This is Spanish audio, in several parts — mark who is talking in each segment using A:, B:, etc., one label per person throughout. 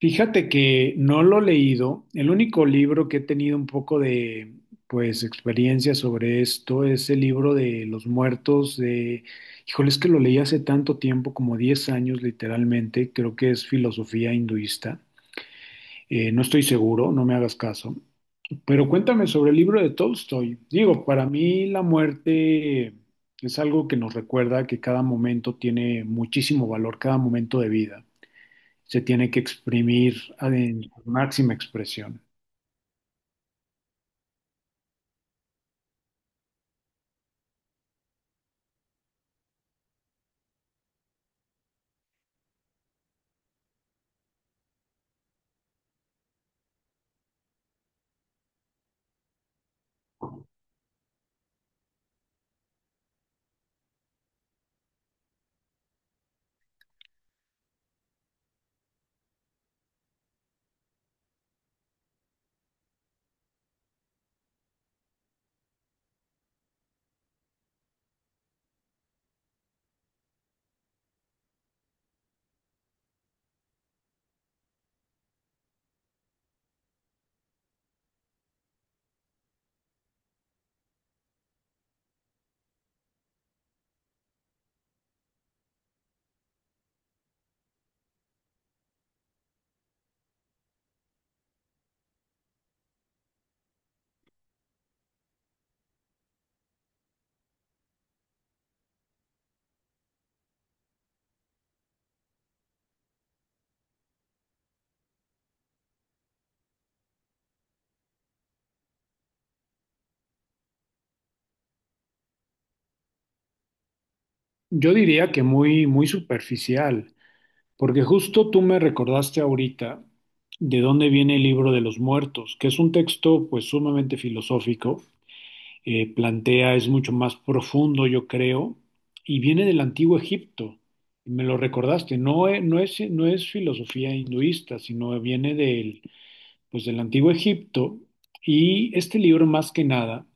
A: Fíjate que no lo he leído. El único libro que he tenido un poco de, pues, experiencia sobre esto es el libro de Los Muertos de, híjole, es que lo leí hace tanto tiempo, como 10 años literalmente. Creo que es filosofía hinduista. No estoy seguro, no me hagas caso. Pero cuéntame sobre el libro de Tolstoy. Digo, para mí la muerte es algo que nos recuerda que cada momento tiene muchísimo valor, cada momento de vida se tiene que exprimir en su máxima expresión. Yo diría que muy, muy superficial, porque justo tú me recordaste ahorita de dónde viene el libro de los muertos, que es un texto pues sumamente filosófico, plantea, es mucho más profundo, yo creo, y viene del antiguo Egipto. Me lo recordaste, no, no es filosofía hinduista, sino viene del antiguo Egipto, y este libro más que nada.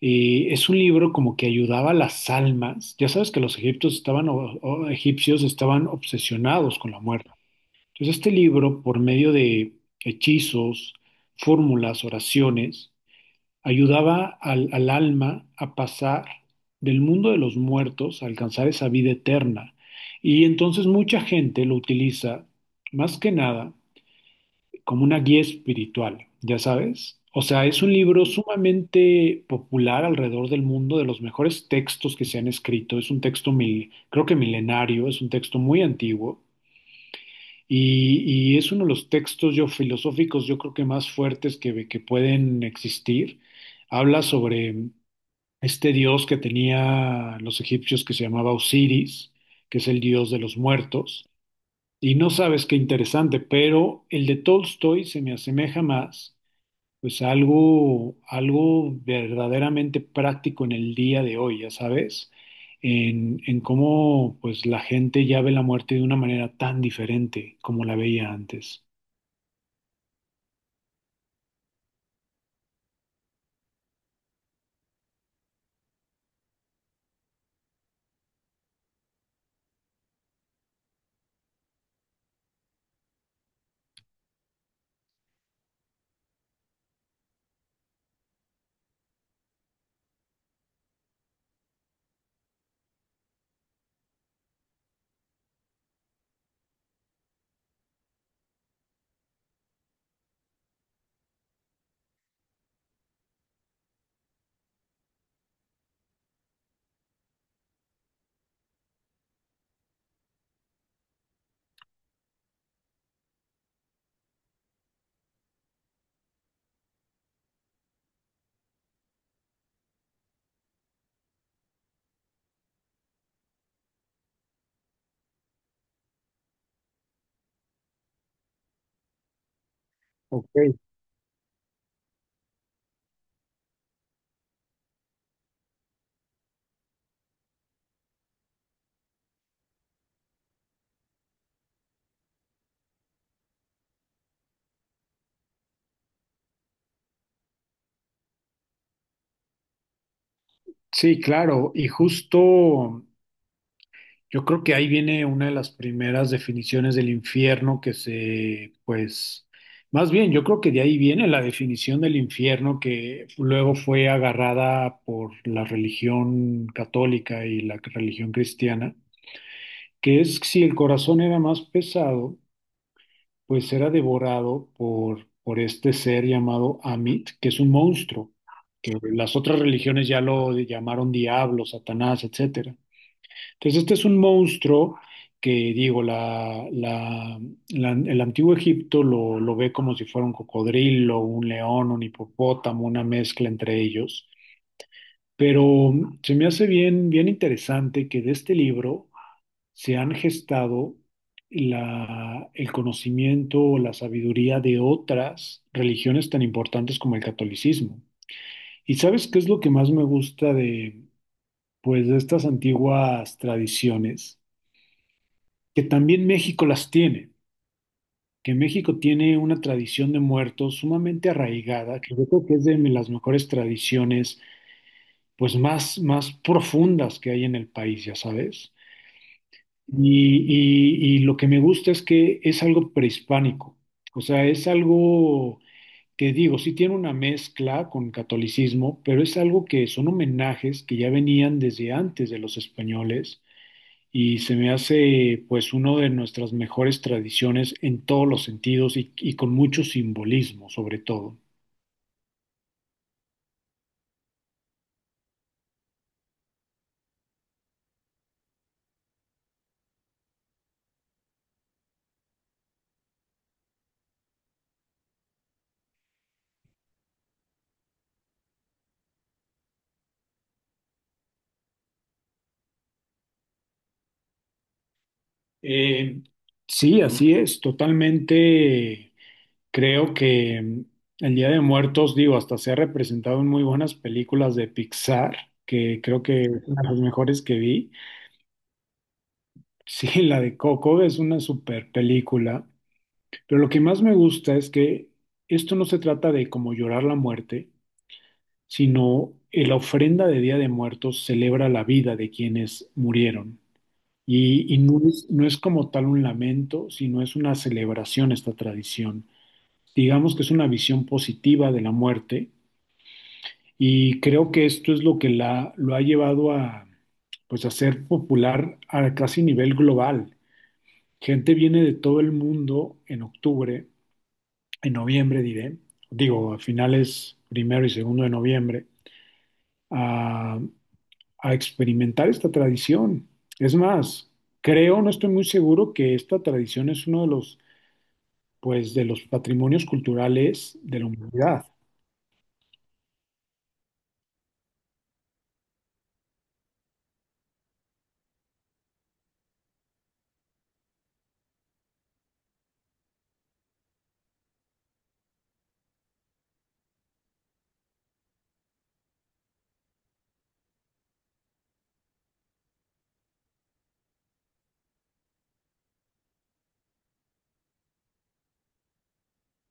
A: Y es un libro como que ayudaba a las almas. Ya sabes que los egipcios estaban, o egipcios estaban obsesionados con la muerte. Entonces este libro, por medio de hechizos, fórmulas, oraciones, ayudaba al alma a pasar del mundo de los muertos a alcanzar esa vida eterna. Y entonces mucha gente lo utiliza más que nada como una guía espiritual, ya sabes. O sea, es un libro sumamente popular alrededor del mundo, de los mejores textos que se han escrito. Es un texto, creo que milenario, es un texto muy antiguo y es uno de los textos filosóficos, yo creo que más fuertes que pueden existir. Habla sobre este dios que tenía los egipcios que se llamaba Osiris, que es el dios de los muertos. Y no sabes qué interesante, pero el de Tolstoy se me asemeja más pues algo verdaderamente práctico en el día de hoy, ya sabes, en cómo pues la gente ya ve la muerte de una manera tan diferente como la veía antes. Ok. Sí, claro, y justo yo creo que ahí viene una de las primeras definiciones del infierno que se, pues, más bien, yo creo que de ahí viene la definición del infierno que luego fue agarrada por la religión católica y la religión cristiana que es si el corazón era más pesado, pues era devorado por este ser llamado Amit, que es un monstruo, que las otras religiones ya lo llamaron diablo, Satanás, etcétera. Entonces, este es un monstruo que, digo, el antiguo Egipto lo ve como si fuera un cocodrilo, un león, un hipopótamo, una mezcla entre ellos. Pero se me hace bien, bien interesante que de este libro se han gestado el conocimiento o la sabiduría de otras religiones tan importantes como el catolicismo. ¿Y sabes qué es lo que más me gusta de estas antiguas tradiciones? Que también México las tiene, que México tiene una tradición de muertos sumamente arraigada, que yo creo que es de las mejores tradiciones, pues, más profundas que hay en el país, ya sabes. Y lo que me gusta es que es algo prehispánico, o sea, es algo que digo, sí tiene una mezcla con catolicismo, pero es algo que son homenajes que ya venían desde antes de los españoles y se me hace pues uno de nuestras mejores tradiciones en todos los sentidos y con mucho simbolismo sobre todo. Eh, sí, así es, totalmente. Creo que el Día de Muertos, digo, hasta se ha representado en muy buenas películas de Pixar, que creo que es una de las mejores que vi. Sí, la de Coco es una super película, pero lo que más me gusta es que esto no se trata de como llorar la muerte, sino la ofrenda de Día de Muertos celebra la vida de quienes murieron. Y no es, como tal un lamento, sino es una celebración esta tradición. Digamos que es una visión positiva de la muerte. Y creo que esto es lo que lo ha llevado a, pues, a ser popular a casi nivel global. Gente viene de todo el mundo en octubre, en noviembre diré, digo, a finales primero y segundo de noviembre, a, a experimentar esta tradición. Es más, creo, no estoy muy seguro que esta tradición es uno de los patrimonios culturales de la humanidad.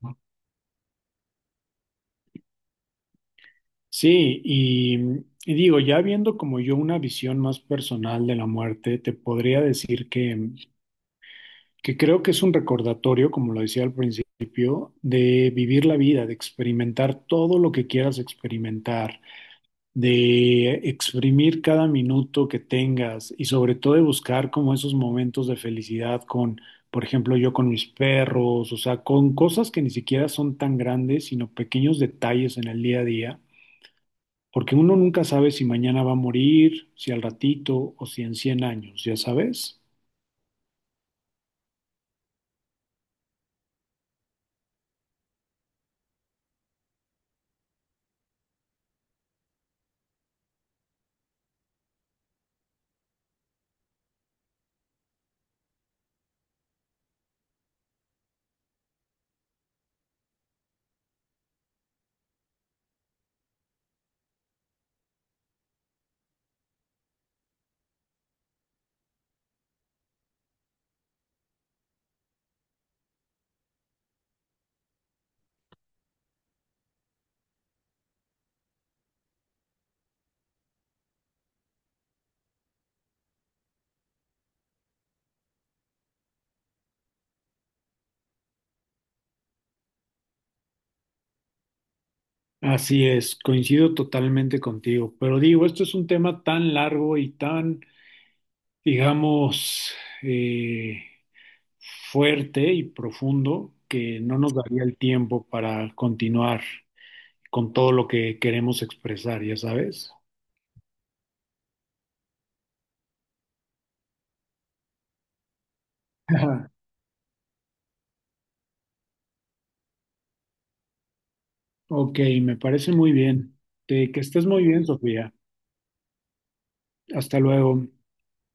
A: ¿No? Sí, y digo, ya viendo como yo una visión más personal de la muerte, te podría decir que creo que es un recordatorio, como lo decía al principio, de vivir la vida, de experimentar todo lo que quieras experimentar, de exprimir cada minuto que tengas y sobre todo de buscar como esos momentos de felicidad con, por ejemplo, yo con mis perros, o sea, con cosas que ni siquiera son tan grandes, sino pequeños detalles en el día a día porque uno nunca sabe si mañana va a morir, si al ratito o si en 100 años, ¿ya sabes? Así es, coincido totalmente contigo, pero digo, esto es un tema tan largo y tan, digamos, eh, fuerte y profundo que no nos daría el tiempo para continuar con todo lo que queremos expresar, ¿ya sabes? Ok, me parece muy bien. Que estés muy bien, Sofía. Hasta luego.